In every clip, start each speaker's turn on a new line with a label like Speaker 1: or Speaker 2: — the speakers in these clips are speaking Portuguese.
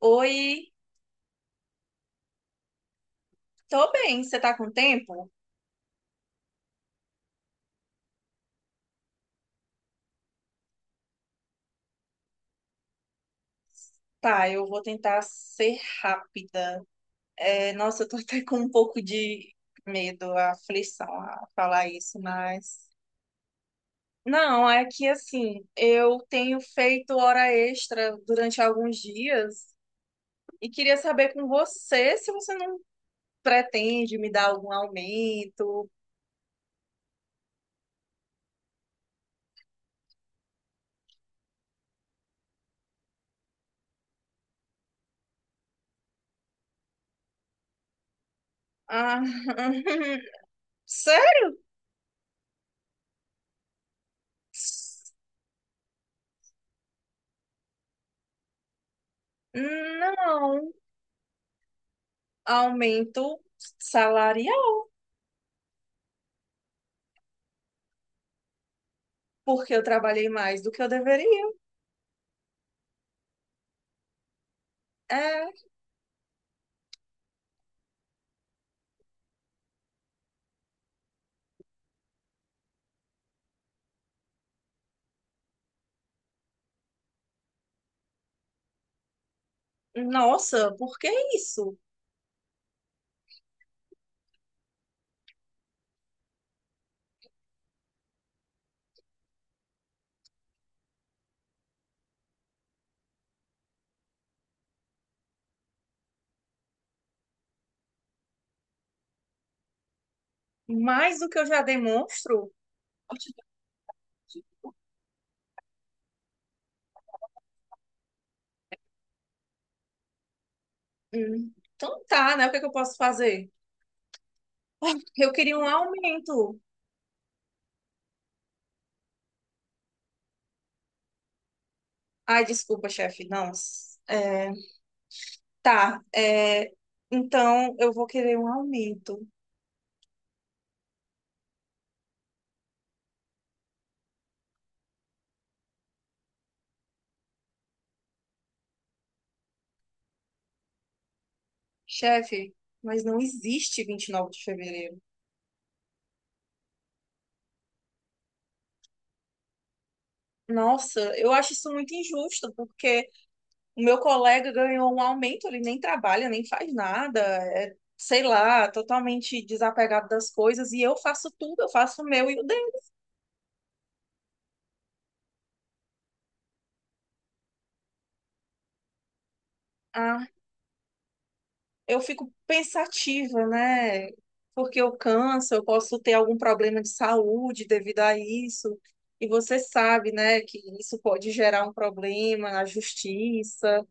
Speaker 1: Oi, tô bem. Você tá com tempo? Tá, eu vou tentar ser rápida. É, nossa, eu tô até com um pouco de medo, aflição a falar isso, mas. Não, é que assim, eu tenho feito hora extra durante alguns dias e queria saber com você se você não pretende me dar algum aumento. Ah, sério? Não, aumento salarial. Porque eu trabalhei mais do que eu deveria. É, nossa, por que isso? Mais do que eu já demonstro? Então tá, né? O que é que eu posso fazer? Eu queria um aumento. Ai, desculpa, chefe. Não. É, tá. É, então eu vou querer um aumento. Chefe, mas não existe 29 de fevereiro. Nossa, eu acho isso muito injusto, porque o meu colega ganhou um aumento, ele nem trabalha, nem faz nada, é, sei lá, totalmente desapegado das coisas, e eu faço tudo, eu faço o meu e o dele. Ah, eu fico pensativa, né? Porque eu canso, eu posso ter algum problema de saúde devido a isso, e você sabe, né, que isso pode gerar um problema na justiça.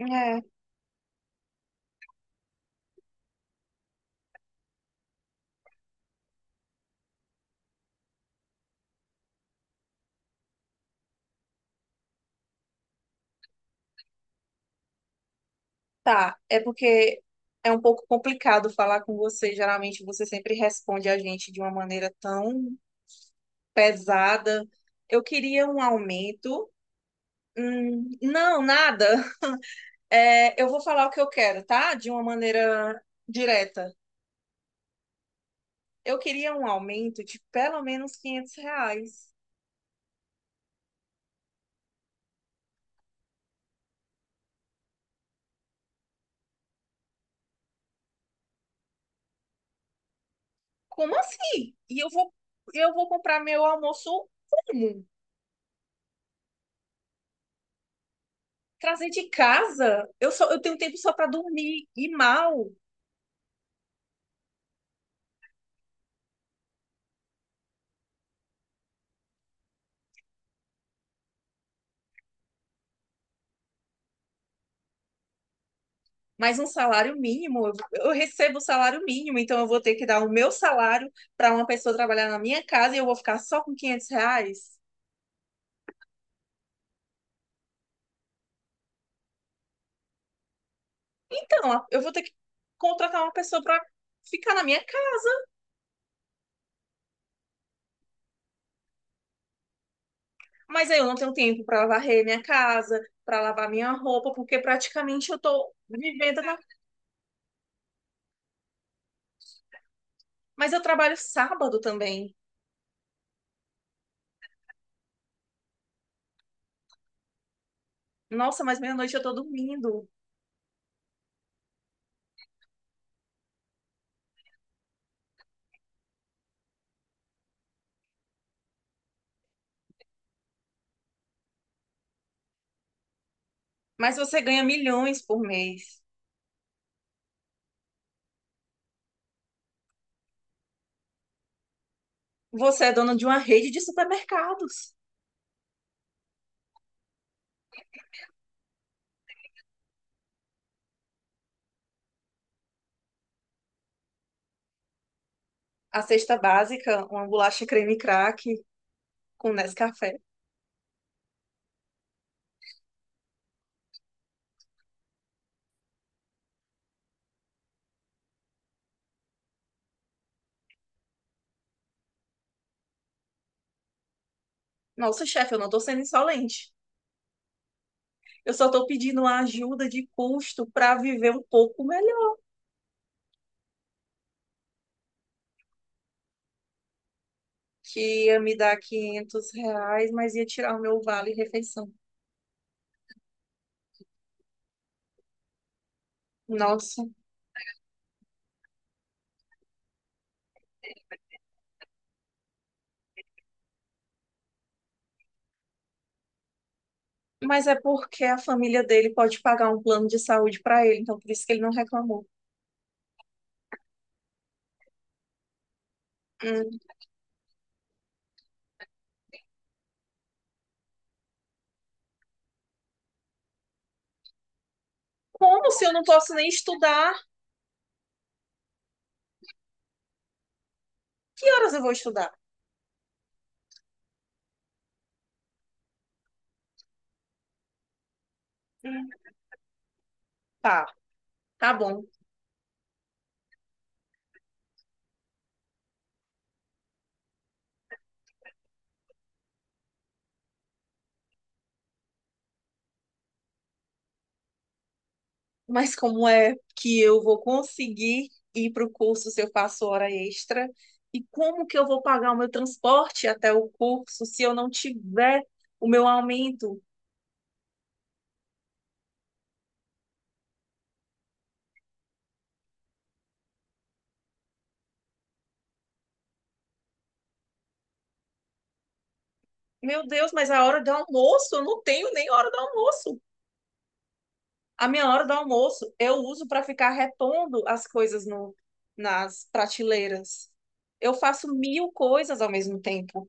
Speaker 1: É, tá, é porque é um pouco complicado falar com você, geralmente você sempre responde a gente de uma maneira tão pesada. Eu queria um aumento. Não, nada. É, eu vou falar o que eu quero, tá? De uma maneira direta. Eu queria um aumento de pelo menos 500 reais. Como assim? E eu vou comprar meu almoço como? Trazer de casa? Eu tenho tempo só para dormir e mal. Mas um salário mínimo, eu recebo o salário mínimo, então eu vou ter que dar o meu salário para uma pessoa trabalhar na minha casa e eu vou ficar só com 500 reais? Então, eu vou ter que contratar uma pessoa para ficar na minha casa. Mas aí eu não tenho tempo para varrer minha casa, para lavar minha roupa, porque praticamente eu tô vivendo na. Mas eu trabalho sábado também. Nossa, mas meia-noite eu tô dormindo. Mas você ganha milhões por mês. Você é dono de uma rede de supermercados. A cesta básica, uma bolacha creme crack com Nescafé. Nossa, chefe, eu não tô sendo insolente. Eu só tô pedindo uma ajuda de custo para viver um pouco melhor. Que ia me dar 500 reais, mas ia tirar o meu vale refeição. Nossa, mas é porque a família dele pode pagar um plano de saúde para ele, então por isso que ele não reclamou. Hum. Como se eu não posso nem estudar? Que horas eu vou estudar? Hum. Tá, tá bom. Mas como é que eu vou conseguir ir para o curso se eu faço hora extra? E como que eu vou pagar o meu transporte até o curso se eu não tiver o meu aumento. Meu Deus, mas a hora do almoço, eu não tenho nem hora do almoço. A minha hora do almoço eu uso para ficar repondo as coisas no, nas prateleiras. Eu faço mil coisas ao mesmo tempo.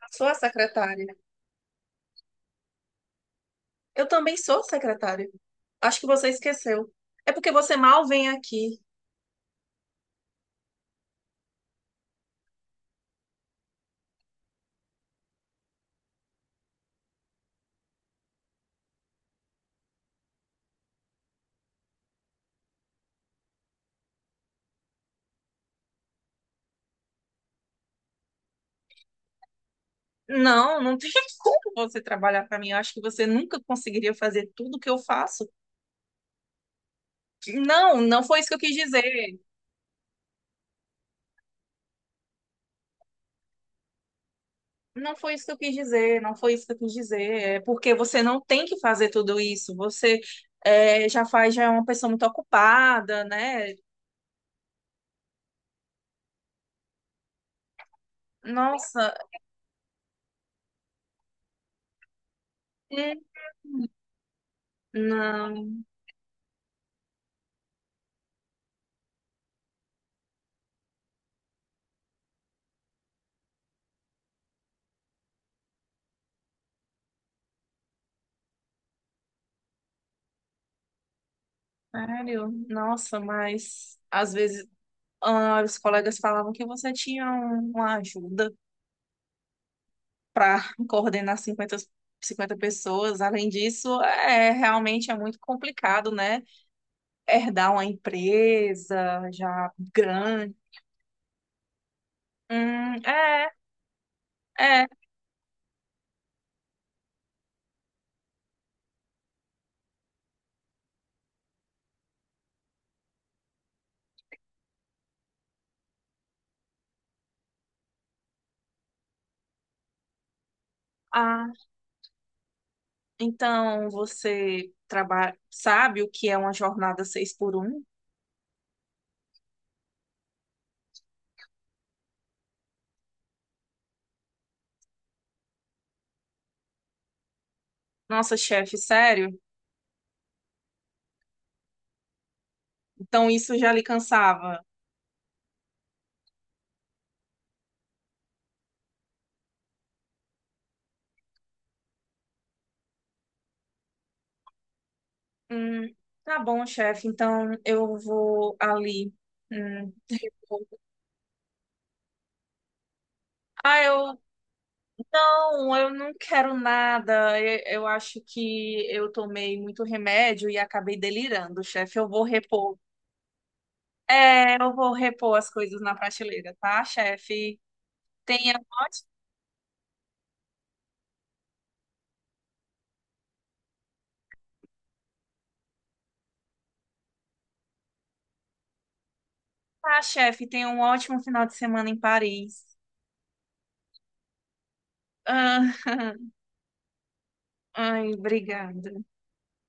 Speaker 1: Eu sou a secretária. Eu também sou secretária. Acho que você esqueceu. É porque você mal vem aqui. Não, não tem como você trabalhar para mim. Eu acho que você nunca conseguiria fazer tudo que eu faço. Não, não foi isso que eu quis dizer. Não foi isso que eu quis dizer, não foi isso que eu quis dizer. É porque você não tem que fazer tudo isso. Você é, já faz, já é uma pessoa muito ocupada, né? Nossa, hum, não, sério. Nossa, mas às vezes ah, os colegas falavam que você tinha uma ajuda para coordenar cinquenta pessoas. Além disso, é realmente é muito complicado, né? Herdar uma empresa já grande. É, é. Ah, então, você trabalha, sabe o que é uma jornada 6 por 1? Nossa, chefe, sério? Então, isso já lhe cansava. Hum, tá bom, chefe. Então, eu vou ali. Hum. Ah, eu não quero nada. Eu acho que eu tomei muito remédio e acabei delirando, chefe. Eu vou repor. É, eu vou repor as coisas na prateleira, tá, chefe? Tenha, tá, chefe, tenha um ótimo final de semana em Paris. Ah, ai, obrigada.